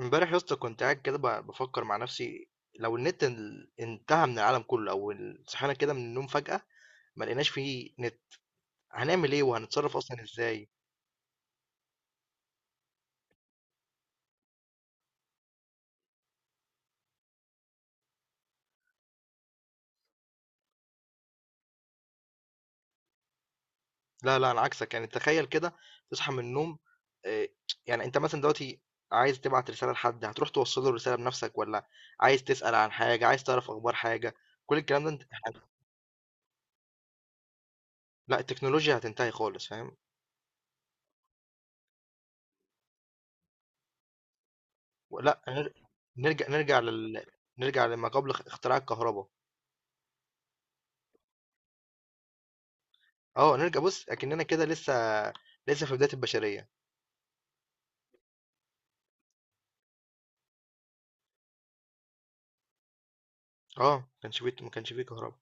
امبارح يا اسطى كنت قاعد كده بفكر مع نفسي. لو النت انتهى من العالم كله او صحينا كده من النوم فجأة ما لقيناش فيه نت، هنعمل ايه وهنتصرف اصلا ازاي؟ لا لا انا عكسك، يعني تخيل كده تصحى من النوم. آه، يعني انت مثلا دلوقتي عايز تبعت رسالة لحد، هتروح توصل له الرسالة بنفسك ولا؟ عايز تسأل عن حاجة، عايز تعرف اخبار حاجة، كل الكلام ده انت... لا التكنولوجيا هتنتهي خالص، فاهم. لا نرجع نرجع لما قبل اختراع الكهرباء. آه، نرجع بُص، أكننا كده لسه، لسه في بداية البشرية. آه، ما كانش في كهربا.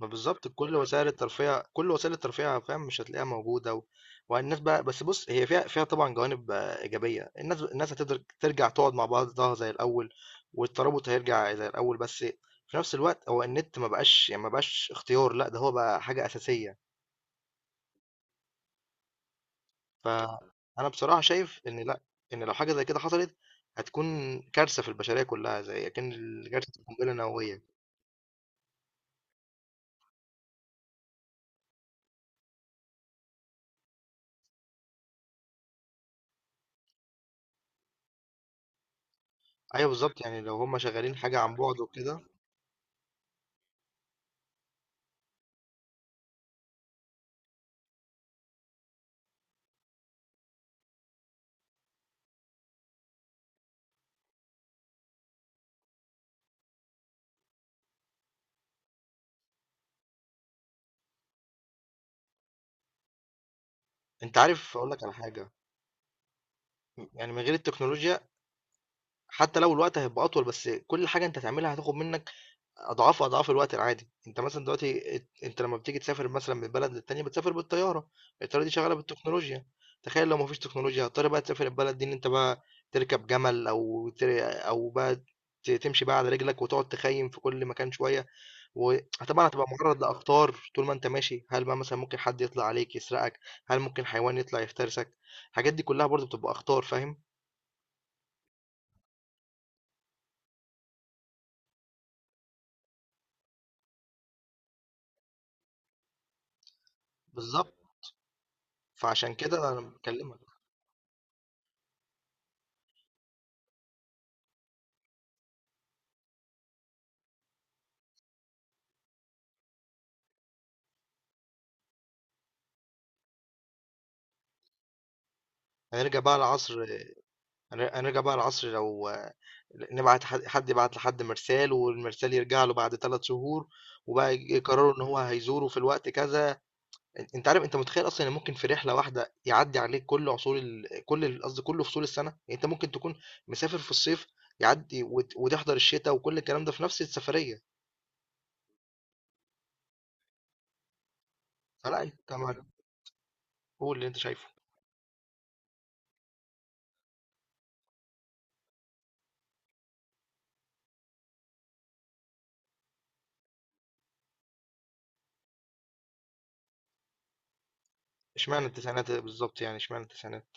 ما بالضبط كل وسائل الترفيه، فاهم، مش هتلاقيها موجودة. والناس بقى، بس بُص، هي فيها، طبعًا جوانب آه، إيجابية. الناس هتقدر ترجع تقعد مع بعضها زي الأول، والترابط هيرجع زي الأول. بس في نفس الوقت هو النت ما بقاش، يعني ما بقاش اختيار، لأ ده هو بقى حاجة أساسية. فأنا بصراحة شايف إن لأ، إن لو حاجة زي كده حصلت هتكون كارثة في البشرية كلها، زي أكن كارثة قنبلة نووية. أيوه بالضبط، يعني لو هم شغالين حاجة عن بُعد وكده. أنت عارف أقول لك على حاجة، يعني من غير التكنولوجيا حتى لو الوقت هيبقى أطول، بس كل حاجة أنت هتعملها هتاخد منك اضعاف الوقت العادي. انت مثلا دلوقتي، انت لما بتيجي تسافر مثلا من بلد للتانية بتسافر بالطيارة، الطيارة دي شغالة بالتكنولوجيا. تخيل لو مفيش تكنولوجيا، هتضطر بقى تسافر البلد دي ان انت بقى تركب جمل او او بقى تمشي بقى على رجلك وتقعد تخيم في كل مكان شوية. وطبعا هتبقى معرض لأخطار طول ما انت ماشي، هل بقى مثلا ممكن حد يطلع عليك يسرقك؟ هل ممكن حيوان يطلع يفترسك؟ الحاجات دي كلها برضو بتبقى أخطار، فاهم. بالظبط، فعشان كده انا بكلمك. هنرجع بقى لعصر هنرجع بقى لعصر لو نبعت حد، يبعت لحد مرسال والمرسال يرجع له بعد 3 شهور، وبقى يقرروا ان هو هيزوره في الوقت كذا. انت عارف، انت متخيل اصلا ان ممكن في رحله واحده يعدي عليك كل عصور كل قصدي كل فصول السنه، يعني انت ممكن تكون مسافر في الصيف، يعدي وتحضر الشتاء وكل الكلام ده في نفس السفريه. فلا انت مع- قول اللي انت شايفه. اشمعنى التسعينات بالظبط، يعني اشمعنى التسعينات؟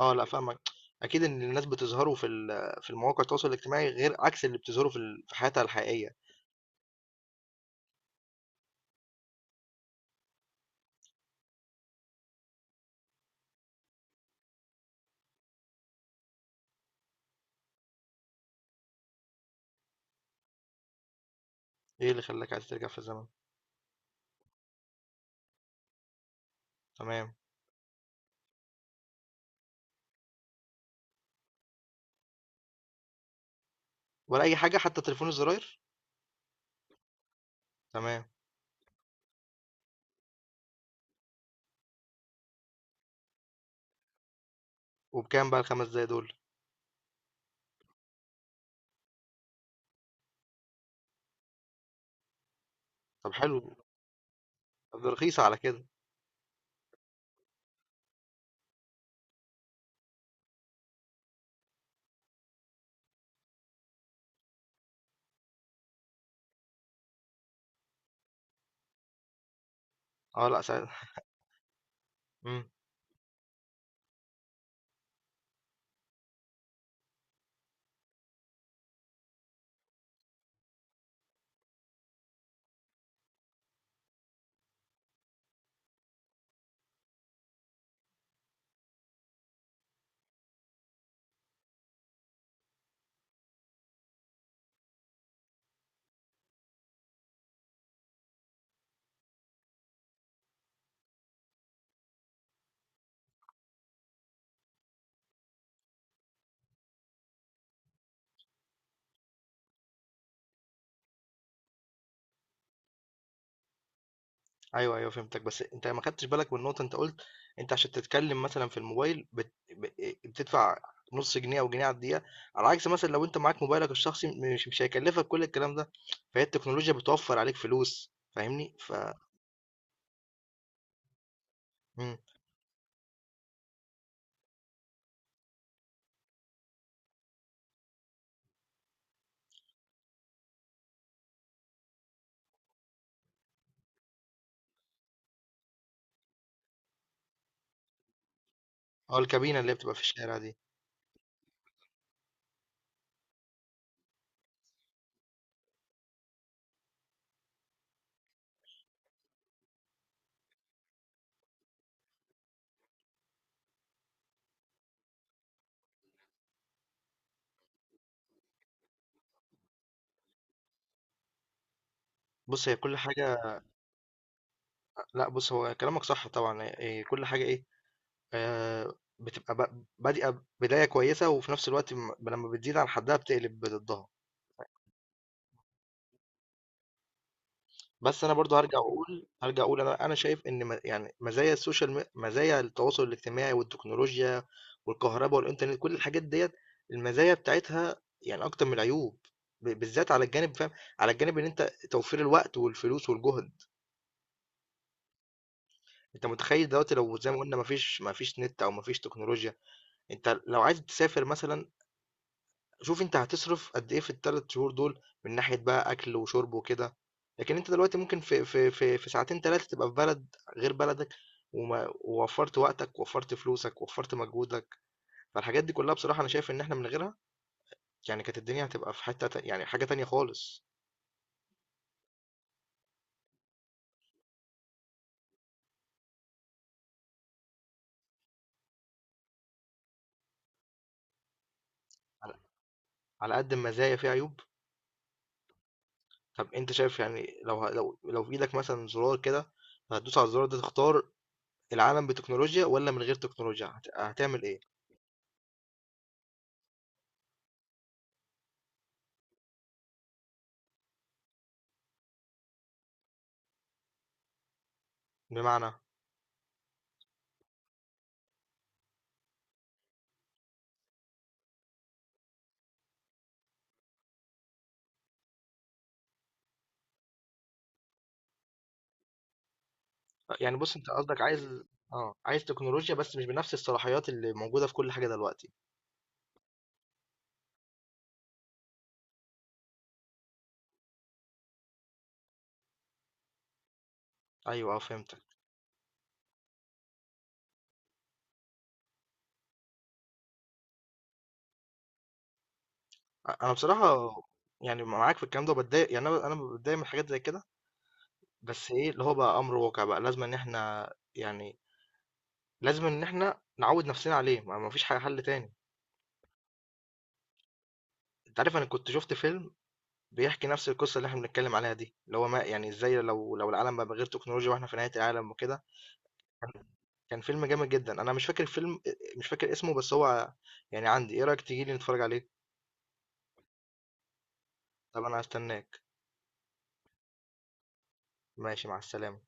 اه لا، فاهمك. اكيد ان الناس بتظهروا في في المواقع التواصل الاجتماعي غير عكس اللي بتظهروا في في حياتها الحقيقيه. ايه اللي خلاك عايز ترجع في الزمن؟ تمام. ولا أي حاجة حتى تليفون الزراير؟ تمام. وبكام بقى ال5 دقايق دول؟ طب حلو، ده رخيصة على كده. آه لأ ساعتها. إمم. أيوه، أيوه فهمتك. بس أنت ما خدتش بالك من نقطة أنت قُلت، أنت عشان تتكلم مثلًا في الموبايل بت ب بتدفع نُص جنيه أو جنيه على الدقيقة، على عكس مثلًا لو أنت معاك موبايلك الشخصي مش هيكلفك كل الكلام ده، فهي التكنولوجيا بتوفّر عليك فلوس، فاهمني؟ إمم. آه الكابينة اللي هي بتبقى في الشارع دي. بُص هي كل حاجة. لأ بُص، هو كلامك صح طبعًا، كل حاجة إيه، آآ بتبقى بادئة بداية كويسة، وفي نفس الوقت لمّا بتزيد عن حدها بتقلب ضدها. بس أنا برضه هارجع أقول، أنا شايف إن يعني مزايا السوشيال مزايا التواصل الاجتماعي والتكنولوجيا والكهربا والإنترنت، كل الحاجات ديّة المزايا بتاعتها يعني أكتر من العيوب، بالذات على الجانب، فاهم، على الجانب إن أنت توفير الوقت والفلوس والجهد. أنت متخيّل دلوقتي لو زي ما قُلنا ما فيش نت أو ما فيش تكنولوجيا، أنت لو عايز تسافر مثلًا، شوف أنت هتصرف قد إيه في ال3 شهور دول، من ناحية بقى أكل وشرب وكده. لكن أنت دلوقتي ممكن في ساعتين 3 تبقى في بلد غير بلدك، ووفّرت وقتك، ووفّرت فلوسك، ووفّرت مجهودك. فالحاجات دي كلّها بصراحة أنا شايف إن إحنا من غيرها يعني كانت الدنيا هتبقى في حتّة تا يعني حاجة تانية خالص. على على قد المزايا في عيوب. طَب أنت شايف، يعني لو لو في إيدك مثلًا زرار كده هتدوس على الزرار ده، تختار العالم بتكنولوجيا والّا من غير تكنولوجيا، هتعمل إيه؟ بمعنى؟ يعني بص انت قصدك عايز، اه عايز تكنولوجيا بس مش بنفس الصلاحيات اللي موجودده في كل حاجه دلوقتي. ايوه اه فهمتك. انا بصراحه يعني معاك في الكلام ده، بتضايق يعني، انا بتضايق من حاجات زي كده. بس ايه اللي هو بقى امر واقع، بقى لازم ان احنا يعني لازم ان احنا نعود نفسنا عليه، ما فيش حاجه حل تاني. انت عارف انا كنت شفت فيلم بيحكي نفس القصه اللي احنا بنتكلم عليها دي، اللي هو ما يعني ازاي لو العالم بقى من غير تكنولوجيا واحنا في نهايه العالم وكده. كان فيلم جامد جدا، انا مش فاكر الفيلم، مش فاكر اسمه بس هو يعني عندي. ايه رأيك تيجي لي نتفرج عليه؟ طب انا هستناك. ماشي مع السلامة.